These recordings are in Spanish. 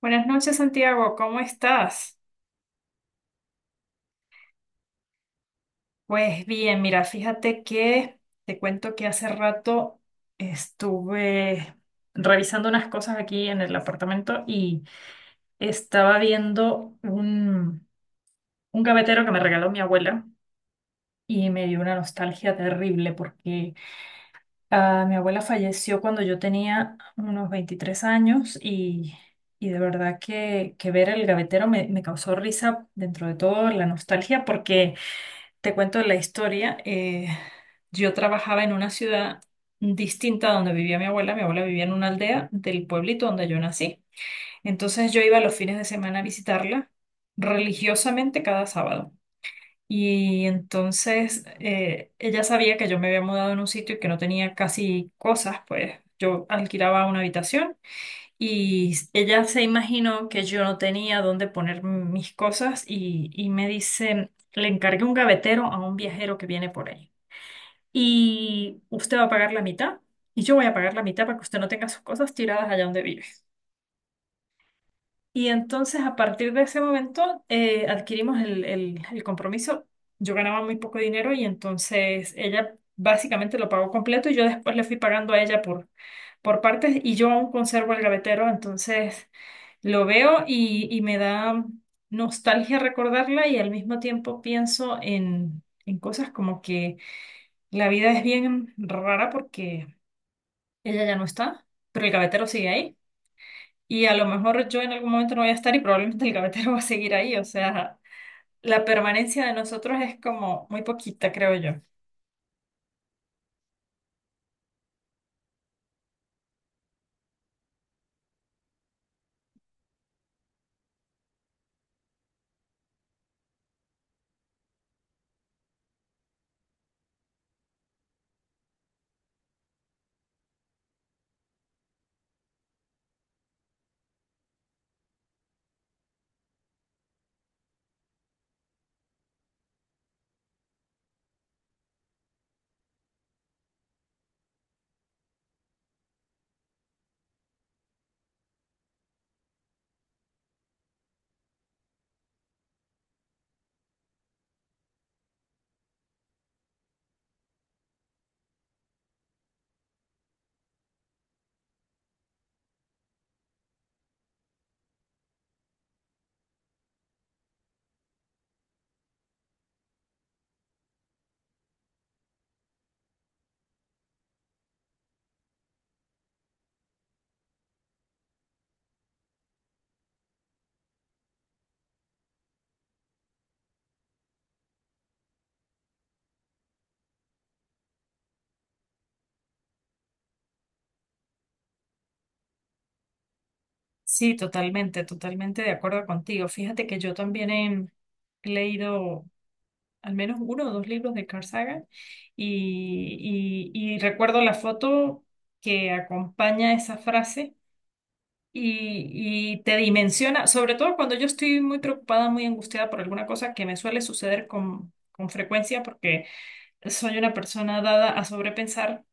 Buenas noches, Santiago, ¿cómo estás? Pues bien, mira, fíjate que te cuento que hace rato estuve revisando unas cosas aquí en el apartamento y estaba viendo un gavetero que me regaló mi abuela y me dio una nostalgia terrible porque mi abuela falleció cuando yo tenía unos 23 años y de verdad que ver el gavetero me causó risa dentro de todo la nostalgia porque... Te cuento la historia. Yo trabajaba en una ciudad distinta a donde vivía mi abuela. Mi abuela vivía en una aldea del pueblito donde yo nací. Entonces yo iba los fines de semana a visitarla religiosamente cada sábado. Y entonces ella sabía que yo me había mudado en un sitio y que no tenía casi cosas, pues yo alquilaba una habitación y ella se imaginó que yo no tenía dónde poner mis cosas y me dice, le encargué un gavetero a un viajero que viene por ahí. Y usted va a pagar la mitad y yo voy a pagar la mitad para que usted no tenga sus cosas tiradas allá donde vive. Y entonces a partir de ese momento adquirimos el compromiso. Yo ganaba muy poco dinero y entonces ella básicamente lo pagó completo y yo después le fui pagando a ella por partes y yo aún conservo el gavetero. Entonces... Lo veo y me da nostalgia recordarla y al mismo tiempo pienso en cosas como que la vida es bien rara porque ella ya no está, pero el gavetero sigue ahí y a lo mejor yo en algún momento no voy a estar y probablemente el gavetero va a seguir ahí. O sea, la permanencia de nosotros es como muy poquita, creo yo. Sí, totalmente, totalmente de acuerdo contigo. Fíjate que yo también he leído al menos uno o dos libros de Carl Sagan y recuerdo la foto que acompaña esa frase y te dimensiona, sobre todo cuando yo estoy muy preocupada, muy angustiada por alguna cosa que me suele suceder con frecuencia porque soy una persona dada a sobrepensar.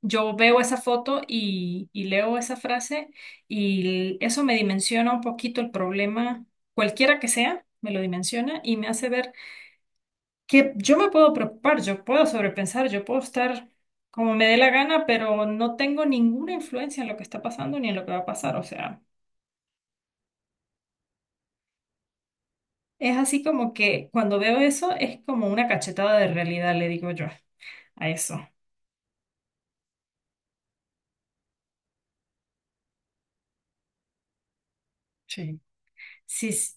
Yo veo esa foto y leo esa frase y eso me dimensiona un poquito el problema, cualquiera que sea, me lo dimensiona y me hace ver que yo me puedo preocupar, yo puedo sobrepensar, yo puedo estar como me dé la gana, pero no tengo ninguna influencia en lo que está pasando ni en lo que va a pasar. O sea, es así como que cuando veo eso es como una cachetada de realidad, le digo yo a eso. Sí. Sí, sí.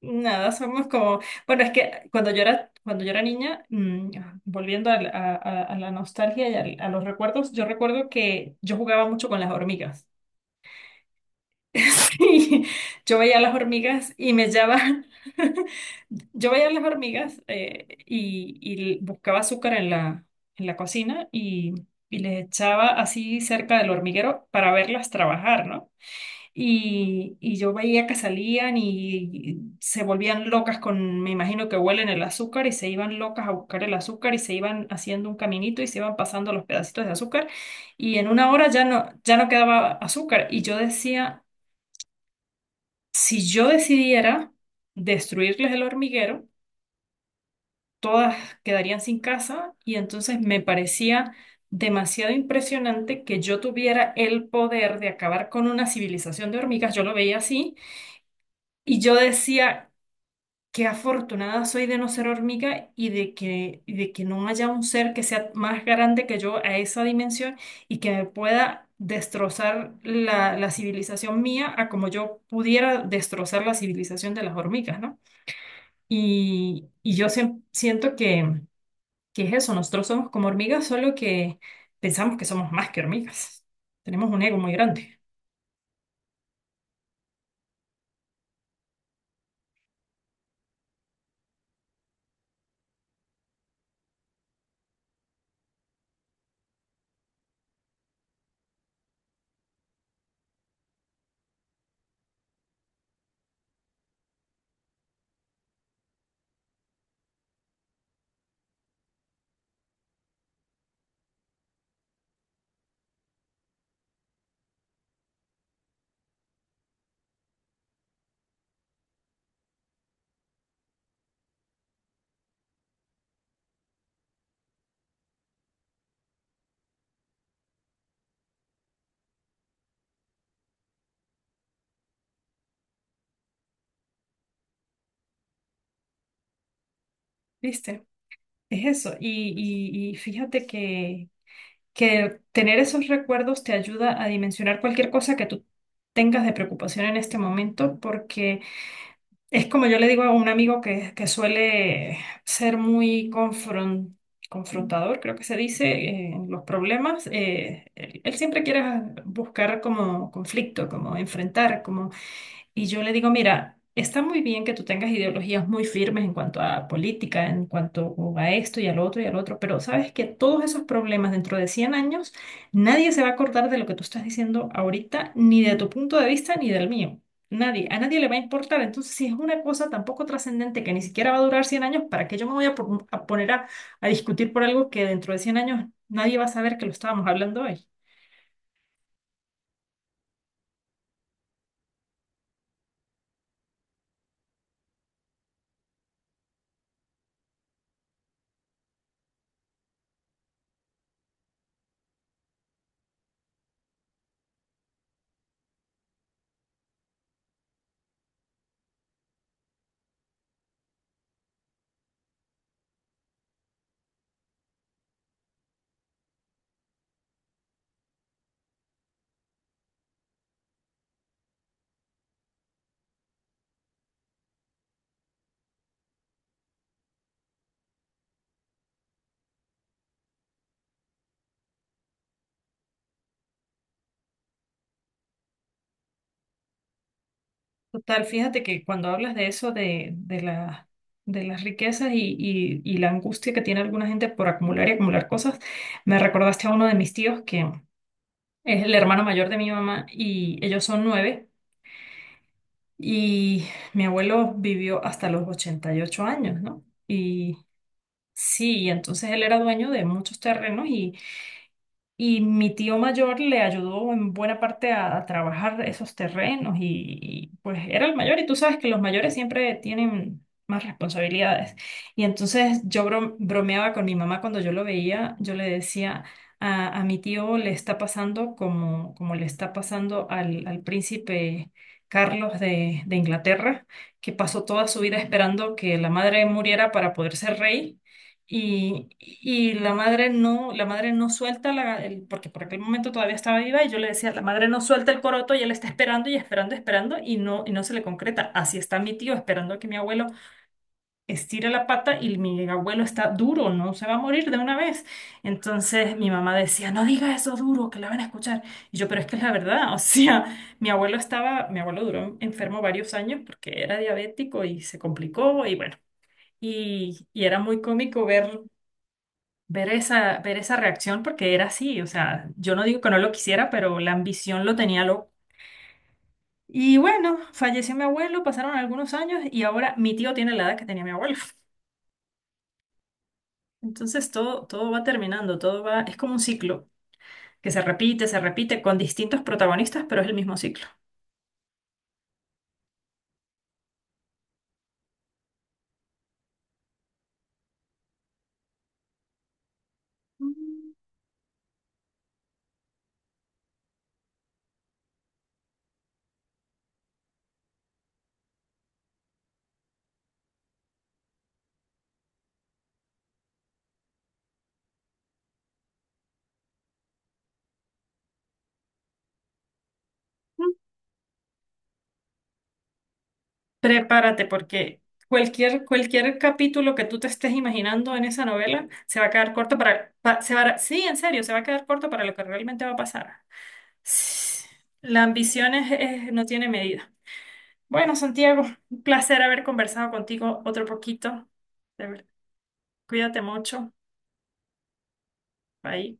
Nada, somos como, bueno, es que cuando yo era niña, volviendo a la nostalgia y a los recuerdos, yo recuerdo que yo jugaba mucho con las hormigas. Y yo veía las hormigas y me echaban, yo veía las hormigas y buscaba azúcar en en la cocina y les echaba así cerca del hormiguero para verlas trabajar, ¿no? Y yo veía que salían y se volvían locas con, me imagino que huelen el azúcar y se iban locas a buscar el azúcar y se iban haciendo un caminito y se iban pasando los pedacitos de azúcar y en una hora ya no quedaba azúcar y yo decía... Si yo decidiera destruirles el hormiguero, todas quedarían sin casa y entonces me parecía demasiado impresionante que yo tuviera el poder de acabar con una civilización de hormigas. Yo lo veía así y yo decía, qué afortunada soy de no ser hormiga y de y de que no haya un ser que sea más grande que yo a esa dimensión y que me pueda destrozar la civilización mía a como yo pudiera destrozar la civilización de las hormigas, ¿no? Y yo siem- siento que es eso, nosotros somos como hormigas, solo que pensamos que somos más que hormigas. Tenemos un ego muy grande, ¿viste? Es eso. Y fíjate que tener esos recuerdos te ayuda a dimensionar cualquier cosa que tú tengas de preocupación en este momento, porque es como yo le digo a un amigo que suele ser muy confrontador, creo que se dice, en los problemas. Él siempre quiere buscar como conflicto, como enfrentar, como y yo le digo, mira, está muy bien que tú tengas ideologías muy firmes en cuanto a política, en cuanto a esto y al otro, pero sabes que todos esos problemas dentro de 100 años, nadie se va a acordar de lo que tú estás diciendo ahorita, ni de tu punto de vista, ni del mío. Nadie, a nadie le va a importar. Entonces, si es una cosa tan poco trascendente que ni siquiera va a durar 100 años, ¿para qué yo me voy a poner a discutir por algo que dentro de 100 años nadie va a saber que lo estábamos hablando hoy? Total, fíjate que cuando hablas de eso, de de las riquezas y la angustia que tiene alguna gente por acumular y acumular cosas, me recordaste a uno de mis tíos que es el hermano mayor de mi mamá y ellos son nueve y mi abuelo vivió hasta los 88 años, ¿no? Y sí, y entonces él era dueño de muchos terrenos y mi tío mayor le ayudó en buena parte a trabajar esos terrenos pues era el mayor y tú sabes que los mayores siempre tienen más responsabilidades. Y entonces yo bromeaba con mi mamá cuando yo lo veía, yo le decía, a mi tío le está pasando como, como le está pasando al príncipe Carlos de Inglaterra, que pasó toda su vida esperando que la madre muriera para poder ser rey. Y la madre no suelta porque por aquel momento todavía estaba viva y yo le decía, la madre no suelta el coroto y él está esperando y esperando, esperando y no se le concreta. Así está mi tío esperando a que mi abuelo estire la pata y mi abuelo está duro, no se va a morir de una vez. Entonces mi mamá decía, no diga eso duro, que la van a escuchar. Y yo, pero es que es la verdad, o sea, mi abuelo estaba, mi abuelo duró enfermo varios años porque era diabético y se complicó y bueno. Y era muy cómico ver esa reacción porque era así, o sea, yo no digo que no lo quisiera, pero la ambición lo tenía loco. Y bueno, falleció mi abuelo, pasaron algunos años y ahora mi tío tiene la edad que tenía mi abuelo. Entonces todo va terminando, todo va, es como un ciclo que se repite con distintos protagonistas, pero es el mismo ciclo. Ujú. Prepárate porque cualquier, cualquier capítulo que tú te estés imaginando en esa novela se va a quedar corto para, pa- se va a- sí, en serio, se va a quedar corto para lo que realmente va a pasar. La ambición no tiene medida. Bueno, Santiago, un placer haber conversado contigo otro poquito. De verdad, cuídate mucho. Bye.